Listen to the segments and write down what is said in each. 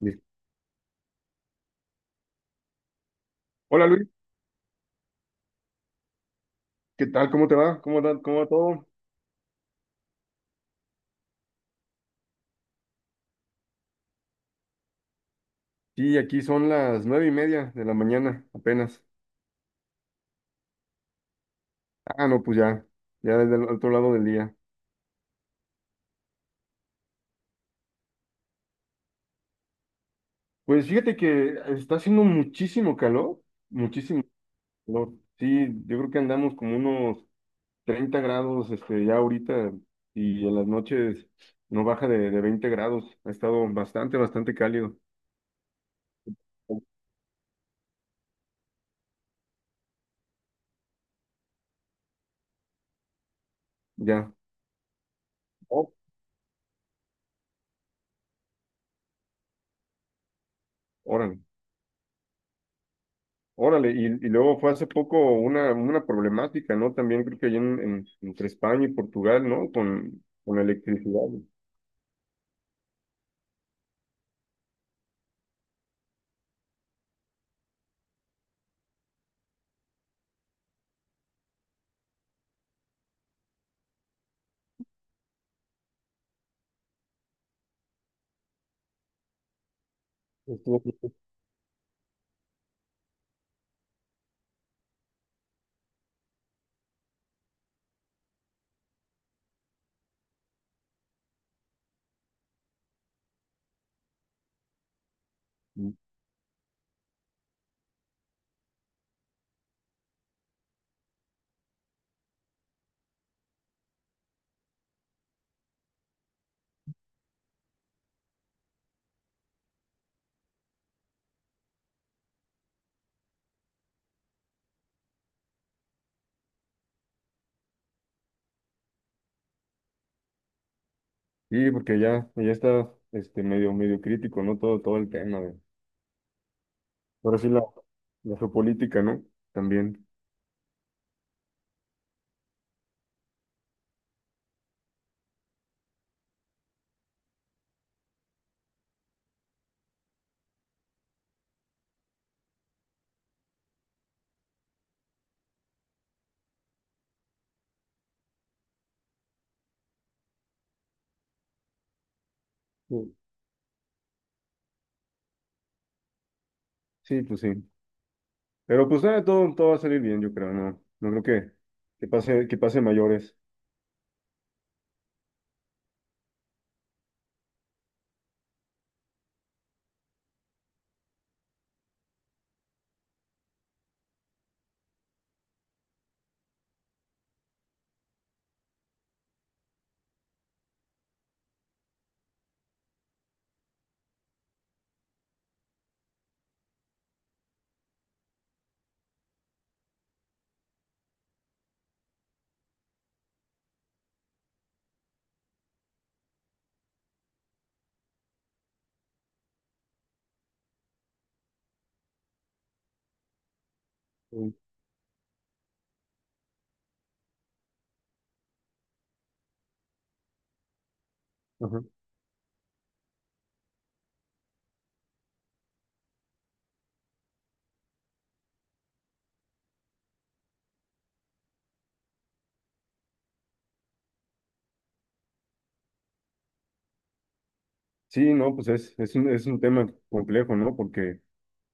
Listo. Hola, Luis, ¿qué tal? ¿Cómo te va? ¿Cómo va todo? Sí, aquí son las 9:30 de la mañana, apenas. Ah, no, pues ya desde el otro lado del día. Pues fíjate que está haciendo muchísimo calor, muchísimo calor. Sí, yo creo que andamos como unos 30 grados, ya ahorita, y en las noches no baja de 20 grados. Ha estado bastante, bastante cálido. Ya. Oh, órale. Órale, y luego fue hace poco una problemática, ¿no? También creo que allá entre España y Portugal, ¿no? Con electricidad. Estuvo- Sí, porque ya está medio, medio crítico, ¿no? Todo el tema de. Ahora sí la geopolítica, ¿no? También. Sí, sí, pues sí. Pero pues nada, todo va a salir bien, yo creo, ¿no? No creo que pase mayores. Sí. Ajá. Sí, no, pues es un tema complejo, ¿no? Porque.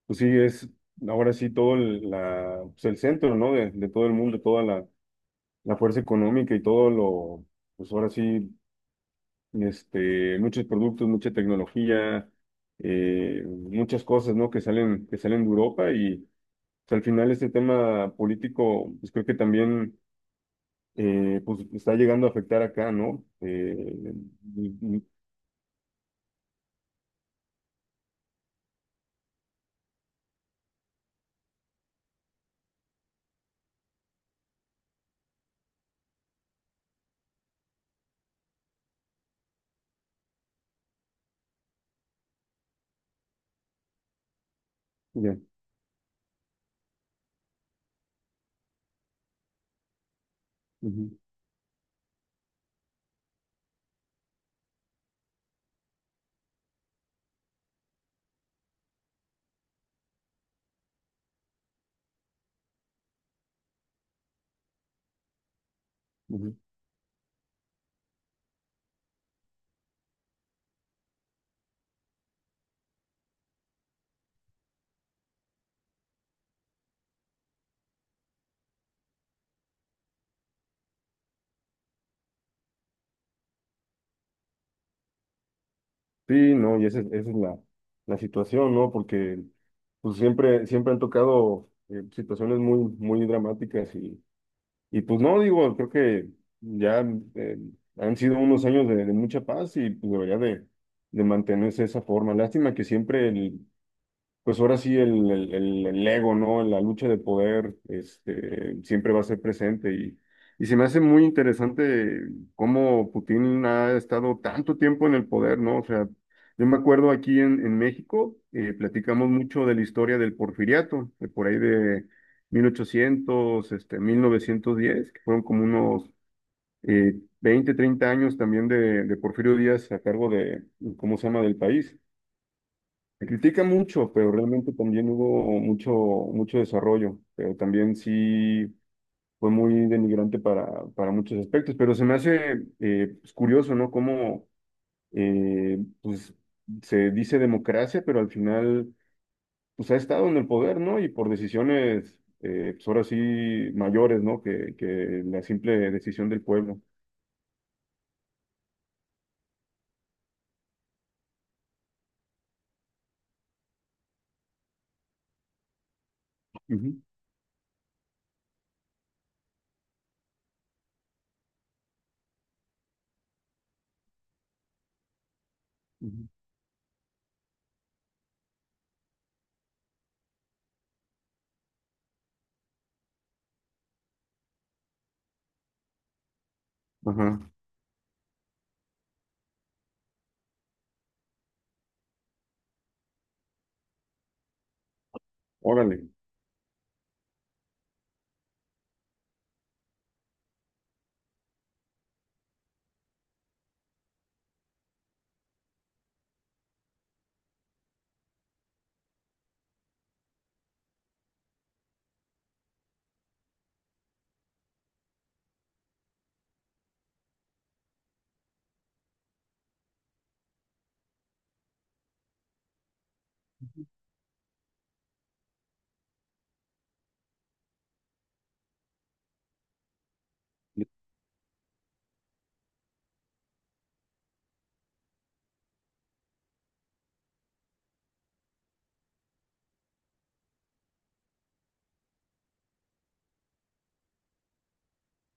Pues sí, es ahora sí todo pues el centro, ¿no? De todo el mundo, toda la fuerza económica y todo lo, pues ahora sí, muchos productos, mucha tecnología, muchas cosas, ¿no? Que salen de Europa y pues, al final este tema político, pues creo que también, pues está llegando a afectar acá, ¿no? Y- ya, ujú, ujú. Sí, no, y esa es la situación, ¿no? Porque pues siempre, siempre han tocado situaciones muy, muy dramáticas y pues no, digo, creo que ya eh, han sido unos años de mucha paz y pues debería de mantenerse de esa forma. Lástima que siempre pues ahora sí el ego, ¿no? La lucha de poder, siempre va a ser presente y se me hace muy interesante cómo Putin ha estado tanto tiempo en el poder, ¿no? O sea, yo me acuerdo aquí en México, platicamos mucho de la historia del Porfiriato, de por ahí de 1800, 1910, que fueron como unos eh, 20, 30 años también de Porfirio Díaz a cargo de, ¿cómo se llama?, del país. Se critica mucho, pero realmente también hubo mucho, mucho desarrollo, pero también sí fue muy denigrante para muchos aspectos, pero se me hace pues, curioso, ¿no? Cómo pues, se dice democracia, pero al final pues ha estado en el poder, ¿no? Y por decisiones, pues ahora sí, mayores, ¿no? Que la simple decisión del pueblo. Ujú, ujú. Ajá, órale,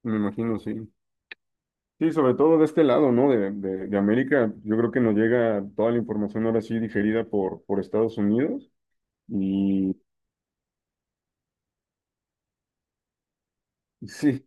me imagino, sí. Sí, sobre todo de este lado, ¿no? De América, yo creo que nos llega toda la información ahora sí digerida por Estados Unidos. Y sí,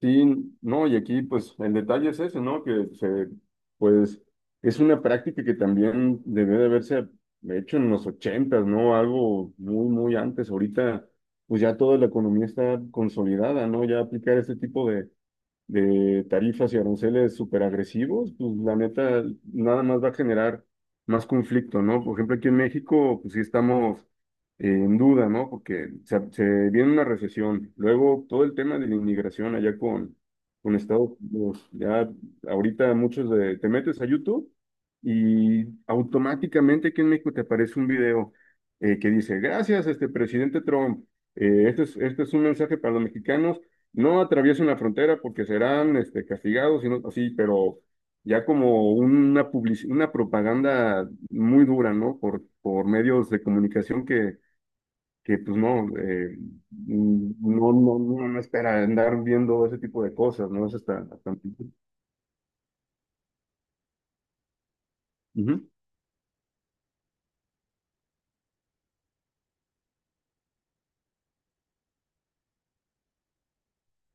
sí, no, y aquí pues el detalle es ese, ¿no? Que pues es una práctica que también debe de haberse hecho en los ochentas, ¿no? Algo muy, muy antes. Ahorita, pues ya toda la economía está consolidada, ¿no? Ya aplicar este tipo de tarifas y aranceles súper agresivos, pues la neta nada más va a generar más conflicto, ¿no? Por ejemplo, aquí en México, pues sí estamos en duda, ¿no? Porque se viene una recesión. Luego todo el tema de la inmigración allá con Estados Unidos. Ya ahorita muchos de, te metes a YouTube y automáticamente aquí en México te aparece un video que dice, gracias, este presidente Trump. Este es un mensaje para los mexicanos. No atraviesen la frontera porque serán castigados, sino así, pero ya como una propaganda muy dura, ¿no? Por medios de comunicación que pues no, no, no, no, no espera andar viendo ese tipo de cosas, ¿no? Es hasta, hasta. Ujú,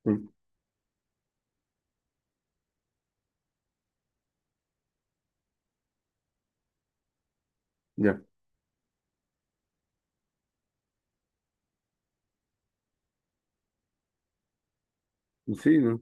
sí, ya, sí, ¿no?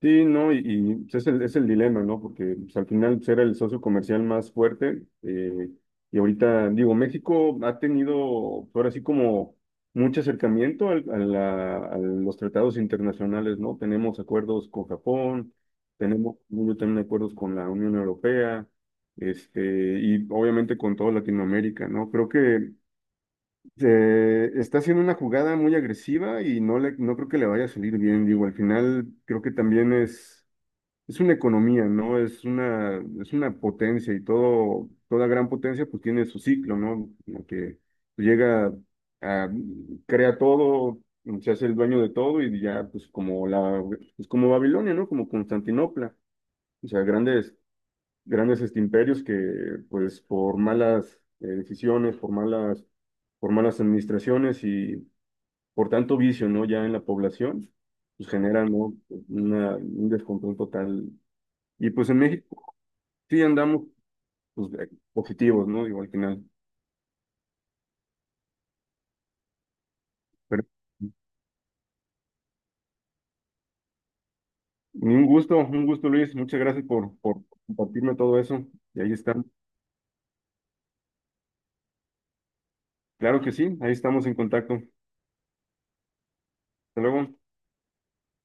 Sí, no, pues, es el dilema, ¿no? Porque pues, al final pues, era el socio comercial más fuerte, y ahorita, digo, México ha tenido, pues, ahora sí como mucho acercamiento a los tratados internacionales, ¿no? Tenemos acuerdos con Japón, tenemos yo también acuerdos con la Unión Europea, y obviamente con toda Latinoamérica, ¿no? Creo que está haciendo una jugada muy agresiva y no creo que le vaya a salir bien, digo, al final creo que también es una economía, ¿no? Es una potencia y todo, toda gran potencia pues tiene su ciclo, ¿no? Como que llega a, crea todo, se hace el dueño de todo y ya pues pues como Babilonia, ¿no? Como Constantinopla. O sea, grandes, grandes imperios que pues por malas decisiones, por malas administraciones y por tanto vicio, ¿no? Ya en la población, pues generan, ¿no? Una, un descontrol total. Y pues en México. Sí, andamos pues, positivos, ¿no? Digo, al final. Pero un gusto, Luis. Muchas gracias por compartirme todo eso. Y ahí está. Claro que sí, ahí estamos en contacto. Hasta luego.